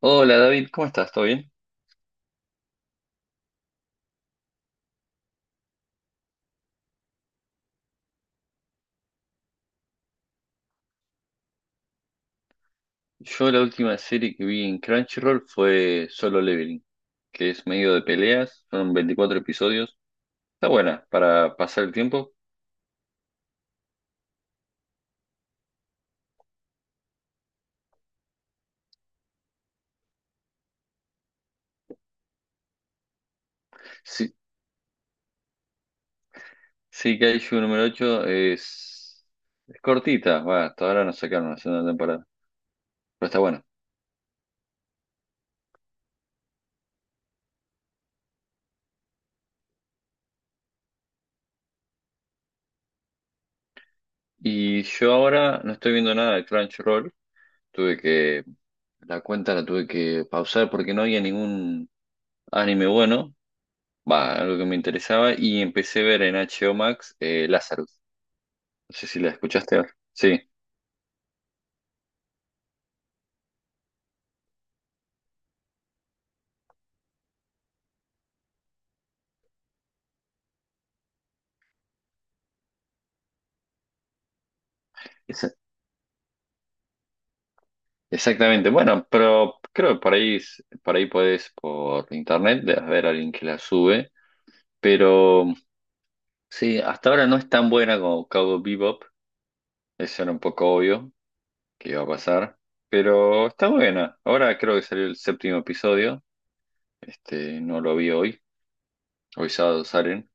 Hola David, ¿cómo estás? ¿Todo bien? Yo la última serie que vi en Crunchyroll fue Solo Leveling, que es medio de peleas, son 24 episodios. Está buena para pasar el tiempo. Sí, sí que número 8. Es cortita, va, hasta ahora no sacaron la segunda temporada, pero está buena. Y yo ahora no estoy viendo nada de Crunchyroll, tuve que, la cuenta la tuve que pausar porque no había ningún anime bueno, va, algo que me interesaba, y empecé a ver en HBO Max Lazarus. No sé si la escuchaste ahora. Sí, esa- exactamente. Bueno, pero creo que por ahí, por ahí podés, por internet debes ver a alguien que la sube. Pero sí, hasta ahora no es tan buena como Cowboy Bebop. Eso era un poco obvio que iba a pasar. Pero está buena. Ahora creo que salió el séptimo episodio. No lo vi hoy. Hoy sábado salen.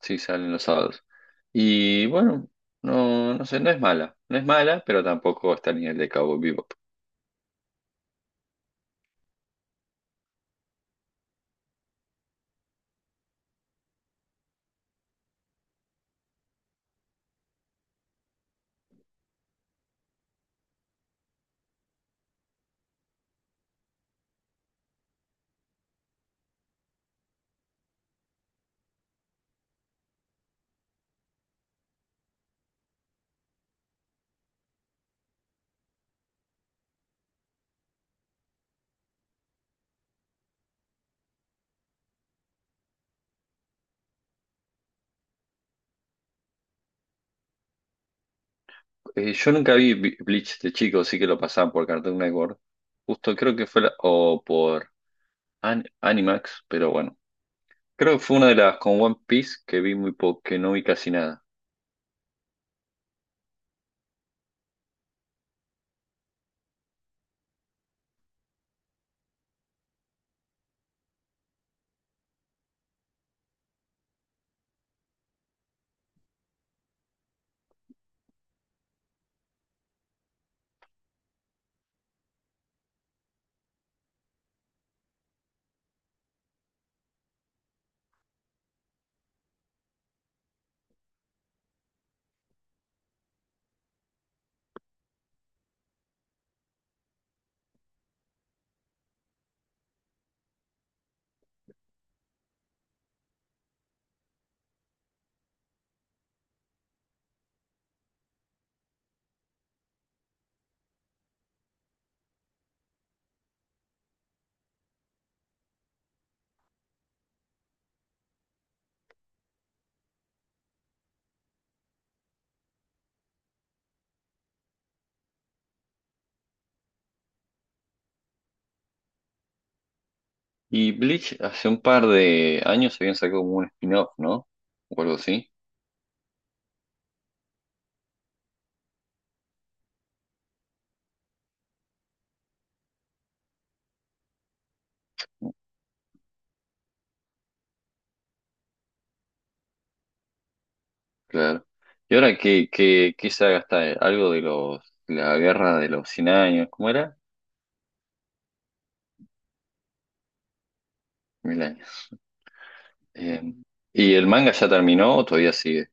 Sí, salen los sábados. Y bueno, no sé, no es mala. No es mala, pero tampoco está al nivel de Cowboy Bebop. Yo nunca vi Bleach de chico, sí que lo pasaban por Cartoon Network. Justo creo que fue o por Animax, pero bueno. Creo que fue una de las con One Piece que vi muy poco, que no vi casi nada. Y Bleach hace un par de años habían sacado como un spin-off, ¿no? O algo así, claro. ¿Y ahora qué saga está? ¿Algo de los, la guerra de los 100 años? ¿Cómo era? Eh, ¿Y el manga ya terminó o todavía sigue?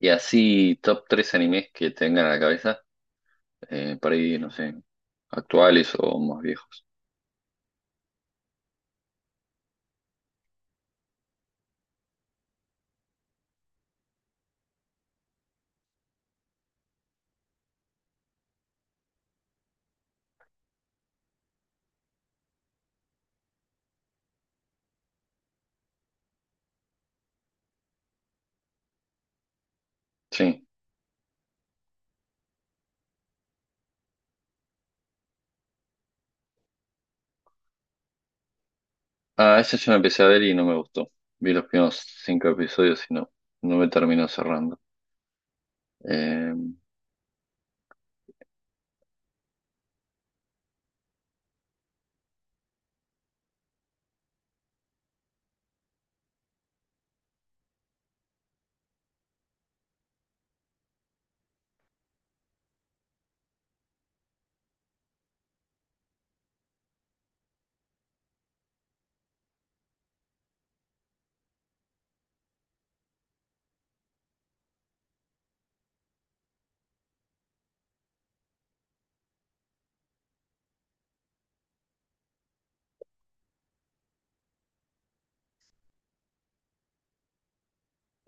Y así, top 3 animes que tengan a la cabeza, por ahí, no sé, actuales o más viejos. Sí. Ah, ese yo lo empecé a ver y no me gustó. Vi los primeros 5 episodios y no me terminó cerrando. Eh,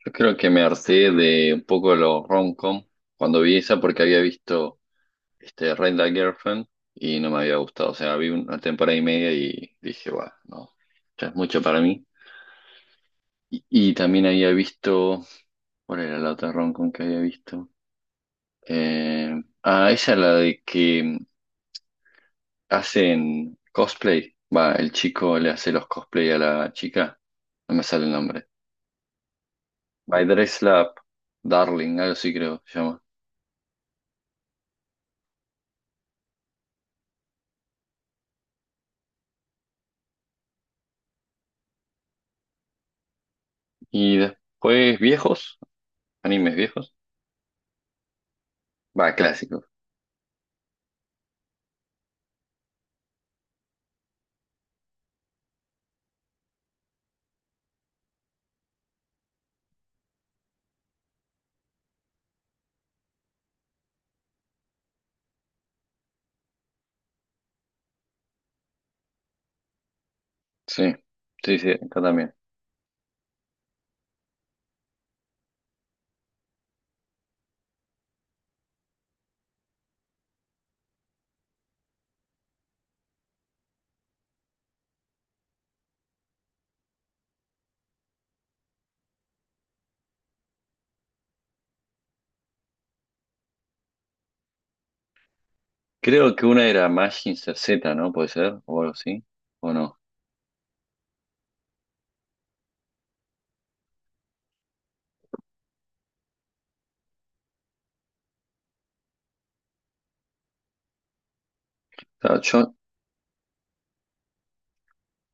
yo creo que me harté de un poco de los rom-com cuando vi esa porque había visto Rent a Girlfriend y no me había gustado. O sea, vi una temporada y media y dije, bueno, no, ya es mucho para mí. Y también había visto, ¿cuál era la otra rom con que había visto? Eh, ah, esa es la de que hacen cosplay. Va, el chico le hace los cosplay a la chica. No me sale el nombre. My Dress Lab, Darling, algo así creo que se llama. Y después viejos, animes viejos. Va, clásicos. Sí, sí, acá también. Creo que una era Mazinger Z, ¿no? Puede ser, o algo así, o no. Claro, yo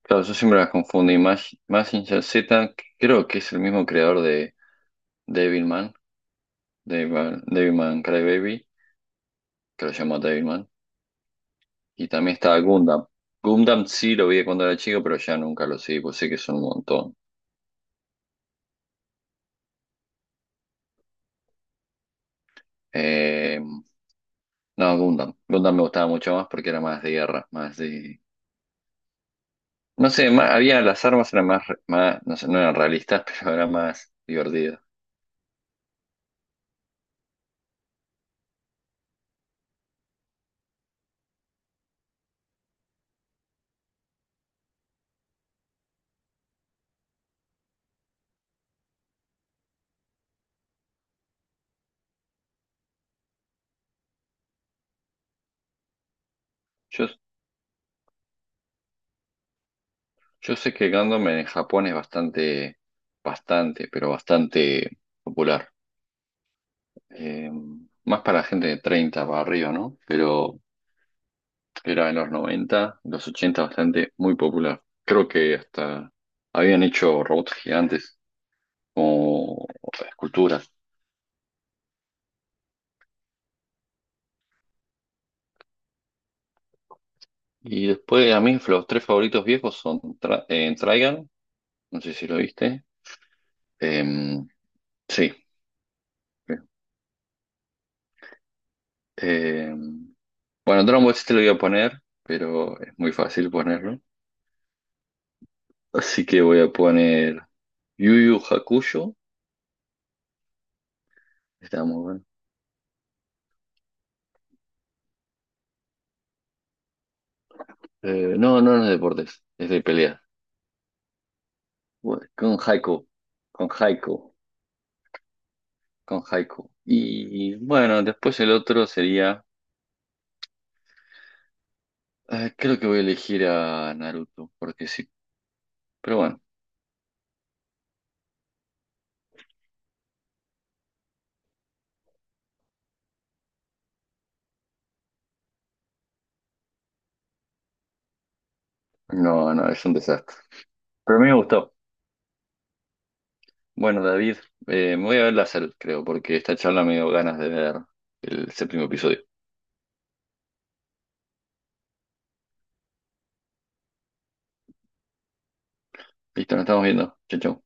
Claro, yo siempre las confundí. Imag Mazinger Z, que creo que es el mismo creador de Devilman, Devilman Crybaby, que lo llamó Devilman. Y también está Gundam. Gundam sí lo vi cuando era chico, pero ya nunca lo seguí, pues sé que son un montón. Eh, no, Gundam. Gundam me gustaba mucho más porque era más de guerra, más de... No sé, había las armas eran más, más, no sé, no eran realistas, pero eran más divertidas. Yo Yo sé que Gundam en Japón es bastante, pero bastante popular. Eh, más para gente de 30 para arriba, ¿no? Pero era en los 90, los 80 bastante muy popular. Creo que hasta habían hecho robots gigantes como esculturas. Y después a mí los tres favoritos viejos son Trigun, no sé si lo viste. Eh, sí. Eh, bueno, Dragon Ball sí te lo voy a poner, pero es muy fácil ponerlo. Así que voy a poner Yu Yu Hakusho. Está muy bueno. No es de deportes, es de pelea. Bueno, con Haiku, con Haiku. Y bueno, después el otro sería. Creo que voy a elegir a Naruto, porque sí. Pero bueno, no, es un desastre. Pero a mí me gustó. Bueno, David, me voy a ver la salud, creo, porque esta charla me dio ganas de ver el séptimo episodio. Listo, nos estamos viendo. Chau, chau.